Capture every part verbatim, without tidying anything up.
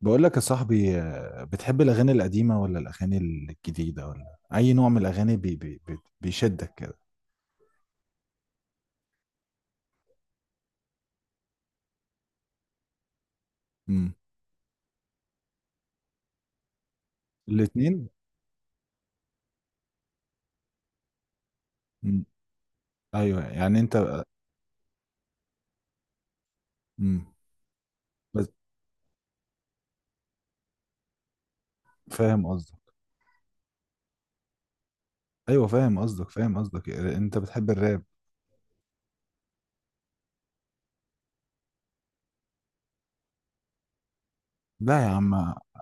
بقول لك يا صاحبي، آه، بتحب الأغاني القديمة ولا الأغاني الجديدة ولا أي نوع من الأغاني بي بي بي بيشدك كده؟ امم الاتنين. امم أيوه، يعني أنت. امم بس فاهم قصدك. أيوه فاهم قصدك، فاهم قصدك، أنت بتحب الراب. لا يا عم.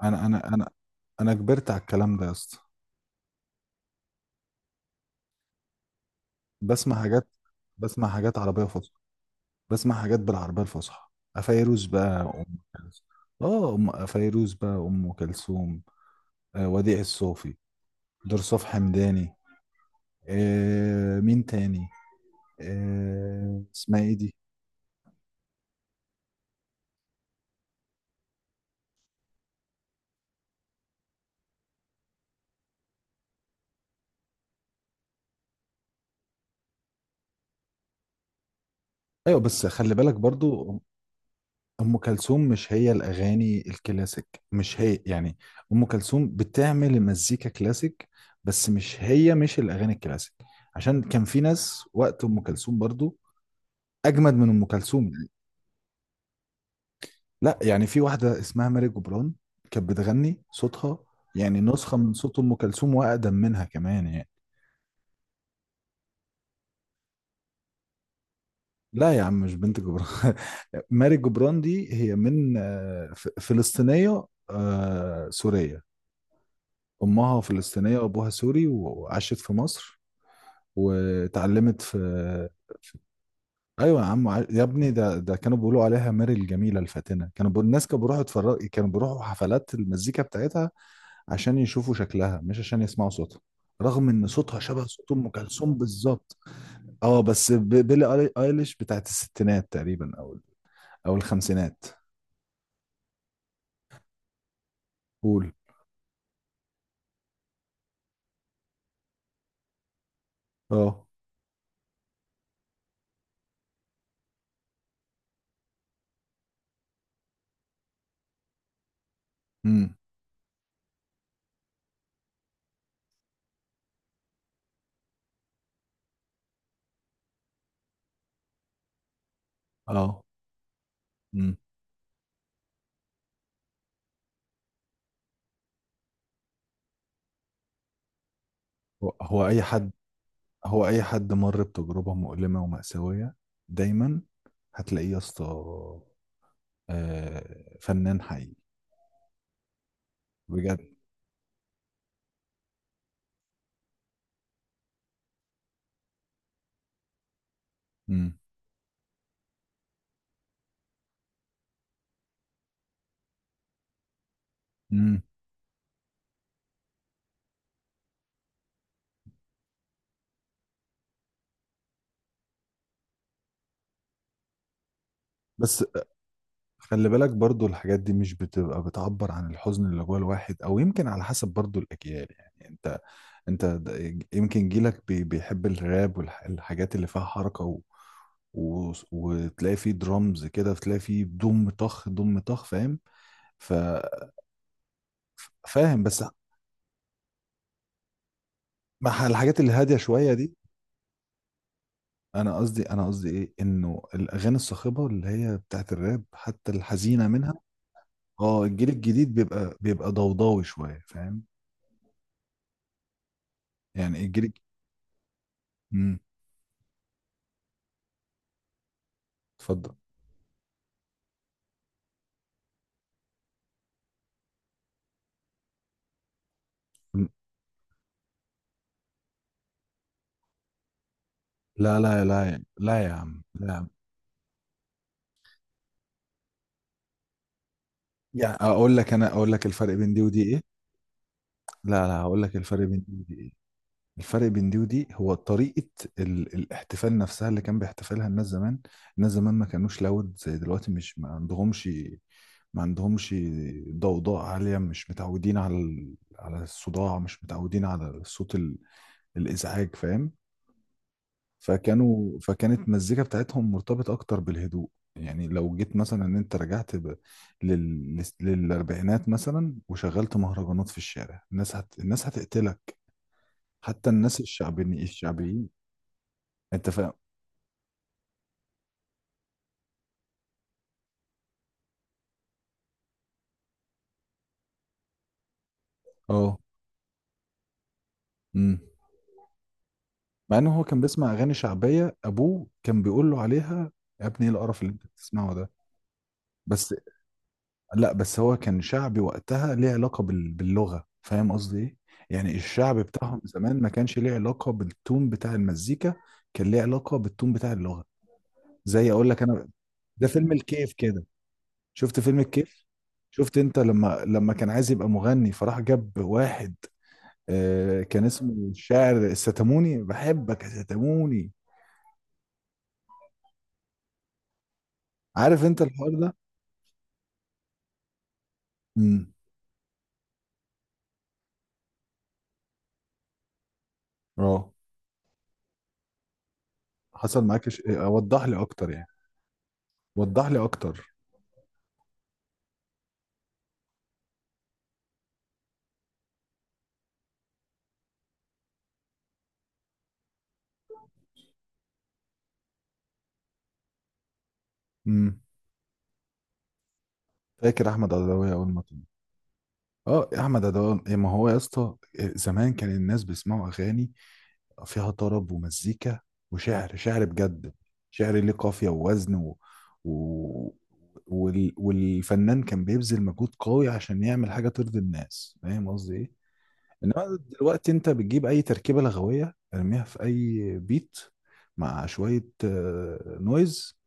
أنا أنا أنا أنا كبرت على الكلام ده يا اسطى. بسمع حاجات. بسمع حاجات عربية فصحى. بسمع حاجات بالعربية الفصحى. فيروز بقى، أم كلثوم. اه، أم فيروز بقى، أم كلثوم. آه، وديع الصوفي. درصوف حمداني. آه مين تاني؟ آه اسمها ايه دي؟ ايوه بس خلي بالك برضو. ام كلثوم مش هي الاغاني الكلاسيك، مش هي يعني. ام كلثوم بتعمل مزيكا كلاسيك، بس مش هي، مش الاغاني الكلاسيك. عشان كان في ناس وقت ام كلثوم برضو اجمد من ام كلثوم. لا، يعني في واحده اسمها ماري جبران، كانت بتغني، صوتها يعني نسخه من صوت ام كلثوم واقدم منها كمان يعني. لا يا عم مش بنت جبران ماري جبران دي هي من آه، ف- فلسطينية. آه، سورية. أمها فلسطينية وأبوها سوري وعاشت في مصر، وتعلمت في... أيوة يا عم، ع- يا ابني، ده ده كانوا بيقولوا عليها ماري الجميلة الفاتنة، كانوا بيقول- الناس كانوا بيروحوا يتفرج، كانوا بيروحوا حفلات المزيكا بتاعتها عشان يشوفوا شكلها، مش عشان يسمعوا صوتها، رغم ان صوتها شبه صوت ام كلثوم بالظبط. اه بس ب- بيلي ايليش بتاعت الستينات تقريبا، او او الخمسينات. قول. اه. امم اه. امم هو هو اي حد هو اي حد مر بتجربة مؤلمة ومأساوية، دايما هتلاقيه يا اسطى، آه، فنان حقيقي، بجد. امم امم بس خلي بالك برضو، الحاجات دي مش بتبقى بتعبر عن الحزن اللي جوه الواحد، او يمكن على حسب برضو الاجيال، يعني انت، انت د- يمكن جيلك بي- بيحب الراب والحاجات اللي فيها حركة و... و... وتلاقي فيه درامز كده، تلاقي فيه دم طخ دم طخ، فاهم؟ ففاهم بس مع الحاجات اللي هاديه شويه دي. انا قصدي انا قصدي ايه؟ انه الاغاني الصاخبه اللي هي بتاعت الراب حتى الحزينه منها. اه، الجيل الجديد بيبقى بيبقى ضوضاوي شويه، فاهم؟ يعني الجيل الج- امم اتفضل. م- لا، لا، لا، يا- لا يا عم، لا يا عم. يعني، اقول لك انا اقول لك الفرق بين دي ودي ايه. لا لا، هقول لك الفرق بين دي ودي ايه. الفرق بين دي ودي هو طريقه ال... الاحتفال نفسها اللي كان بيحتفلها الناس زمان. الناس زمان ما كانوش لاود زي دلوقتي، مش ما عندهمش، ما عندهمش ضوضاء عالية، مش متعودين على ال- على الصداع، مش متعودين على الصوت ال- الإزعاج، فاهم؟ فكانوا فكانت المزيكا بتاعتهم مرتبطة أكتر بالهدوء. يعني لو جيت مثلا إن أنت رجعت ب... لل... لس- للأربعينات مثلا، وشغلت مهرجانات في الشارع، الناس هت... الناس هتقتلك، حتى الناس الشعبيين الشعبيين. أنت فاهم. أه. أمم. مع إن هو كان بيسمع أغاني شعبية، أبوه كان بيقول له عليها: يا ابني إيه القرف اللي أنت بتسمعه ده. بس. لا بس هو كان شعبي وقتها، ليه علاقة بال- باللغة، فاهم قصدي ايه؟ يعني الشعب بتاعهم زمان ما كانش ليه علاقة بالتون بتاع المزيكا، كان ليه علاقة بالتون بتاع اللغة. زي اقول لك انا، ده فيلم الكيف كده، شفت فيلم الكيف؟ شفت انت لما لما كان عايز يبقى مغني، فراح جاب واحد، آه كان اسمه الشاعر الستاموني، بحبك يا ستاموني. عارف انت الحوار ده؟ امم اه. حصل معاك ش... اوضح لي اكتر يعني. وضح لي اكتر. فاكر احمد عدويه اول ما طلع؟ اه احمد عدويه. إيه، ما هو يا اسطى، إيه، زمان كان الناس بيسمعوا اغاني فيها طرب ومزيكا، وشعر، شعر بجد، شعر ليه قافيه ووزن و... و... وال... والفنان كان بيبذل مجهود قوي عشان يعمل حاجه ترضي الناس، فاهم قصدي ايه؟ انما دلوقتي انت بتجيب اي تركيبه لغويه ارميها في اي بيت، مع شويه آه، نويز،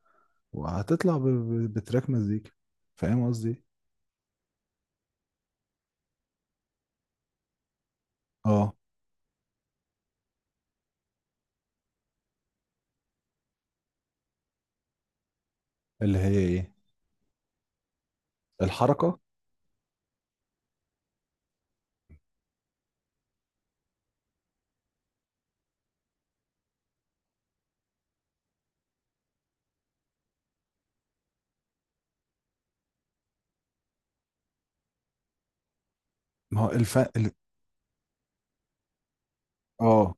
وهتطلع ب... ب- بتراك مزيكا، فاهم قصدي إيه؟ اه. اللي هي ايه؟ الحركة. ما هو الف ال... اه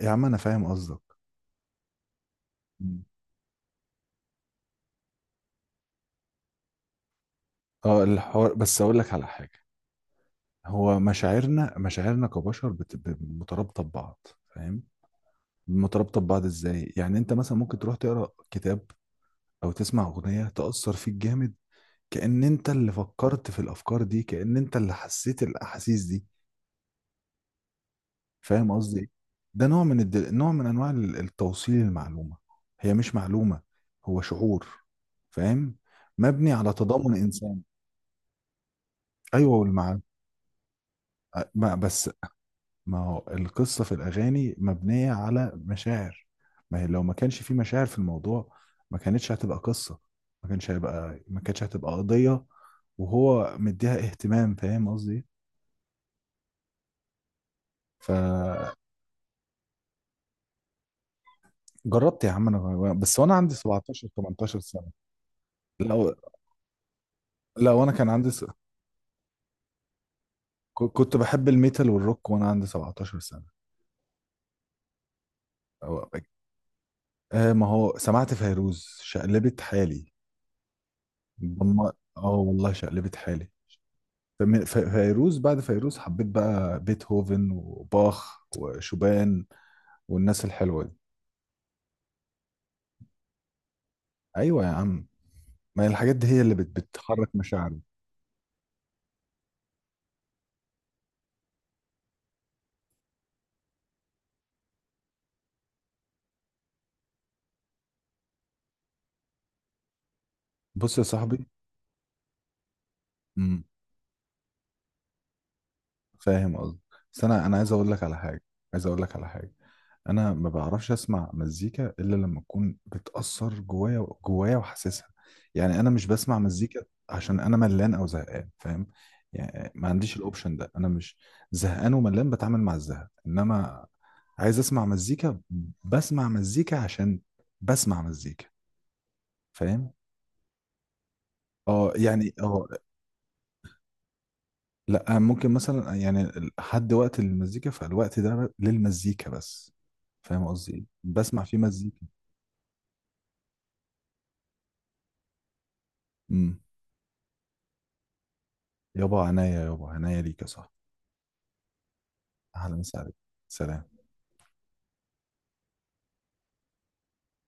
يا عم انا فاهم قصدك. مم. اه، الحوار، بس اقول لك على حاجة، هو مشاعرنا مشاعرنا كبشر بت... ب- مترابطة ببعض. فاهم؟ مترابطة ببعض ازاي؟ يعني انت مثلا ممكن تروح تقرا كتاب او تسمع اغنية تأثر فيك جامد، كأن انت اللي فكرت في الافكار دي، كأن انت اللي حسيت الاحاسيس دي، فاهم قصدي إيه؟ ده نوع من الد... نوع من انواع ال- التوصيل المعلومه، هي مش معلومه، هو شعور، فاهم؟ مبني على تضامن انسان. ايوه، والمع... ما بس، ما هو القصه في الاغاني مبنيه على مشاعر، ما هي لو ما كانش في مشاعر في الموضوع ما كانتش هتبقى قصه، ما كانش هيبقى ما كانتش هتبقى قضيه وهو مديها اهتمام، فاهم قصدي إيه؟ فجربت. يا عم انا، بس وانا عندي سبعة عشر تمنتاشر سنه. لو لو انا كان عندي س- ك- كنت بحب الميتال والروك وانا عندي سبعتاشر سنة أو... آه ما هو سمعت فيروز شقلبت حالي. ضم- اه والله شقلبت حالي. فم- ف- فيروز، بعد فيروز حبيت بقى بيتهوفن وباخ وشوبان والناس الحلوة دي. ايوه يا عم، ما هي الحاجات دي هي اللي بت- بتحرك مشاعري. بص يا صاحبي. امم فاهم قصدي. بس انا انا عايز اقول لك على حاجة، عايز اقول لك على حاجة. انا ما بعرفش اسمع مزيكا الا لما تكون بتأثر جوايا، جوايا وحاسسها. يعني انا مش بسمع مزيكا عشان انا ملان او زهقان، فاهم؟ يعني ما عنديش الاوبشن ده، انا مش زهقان وملان بتعامل مع الزهق، انما عايز اسمع مزيكا. بسمع مزيكا عشان بسمع مزيكا. فاهم؟ اه يعني اه، لا ممكن مثلا يعني، حد وقت المزيكا، فالوقت ده للمزيكا بس، فاهم قصدي إيه؟ بسمع فيه مزيكا. إمم. يابا عناية، يابا عناية ليك يا صاحبي. أهلا وسهلا. سلام.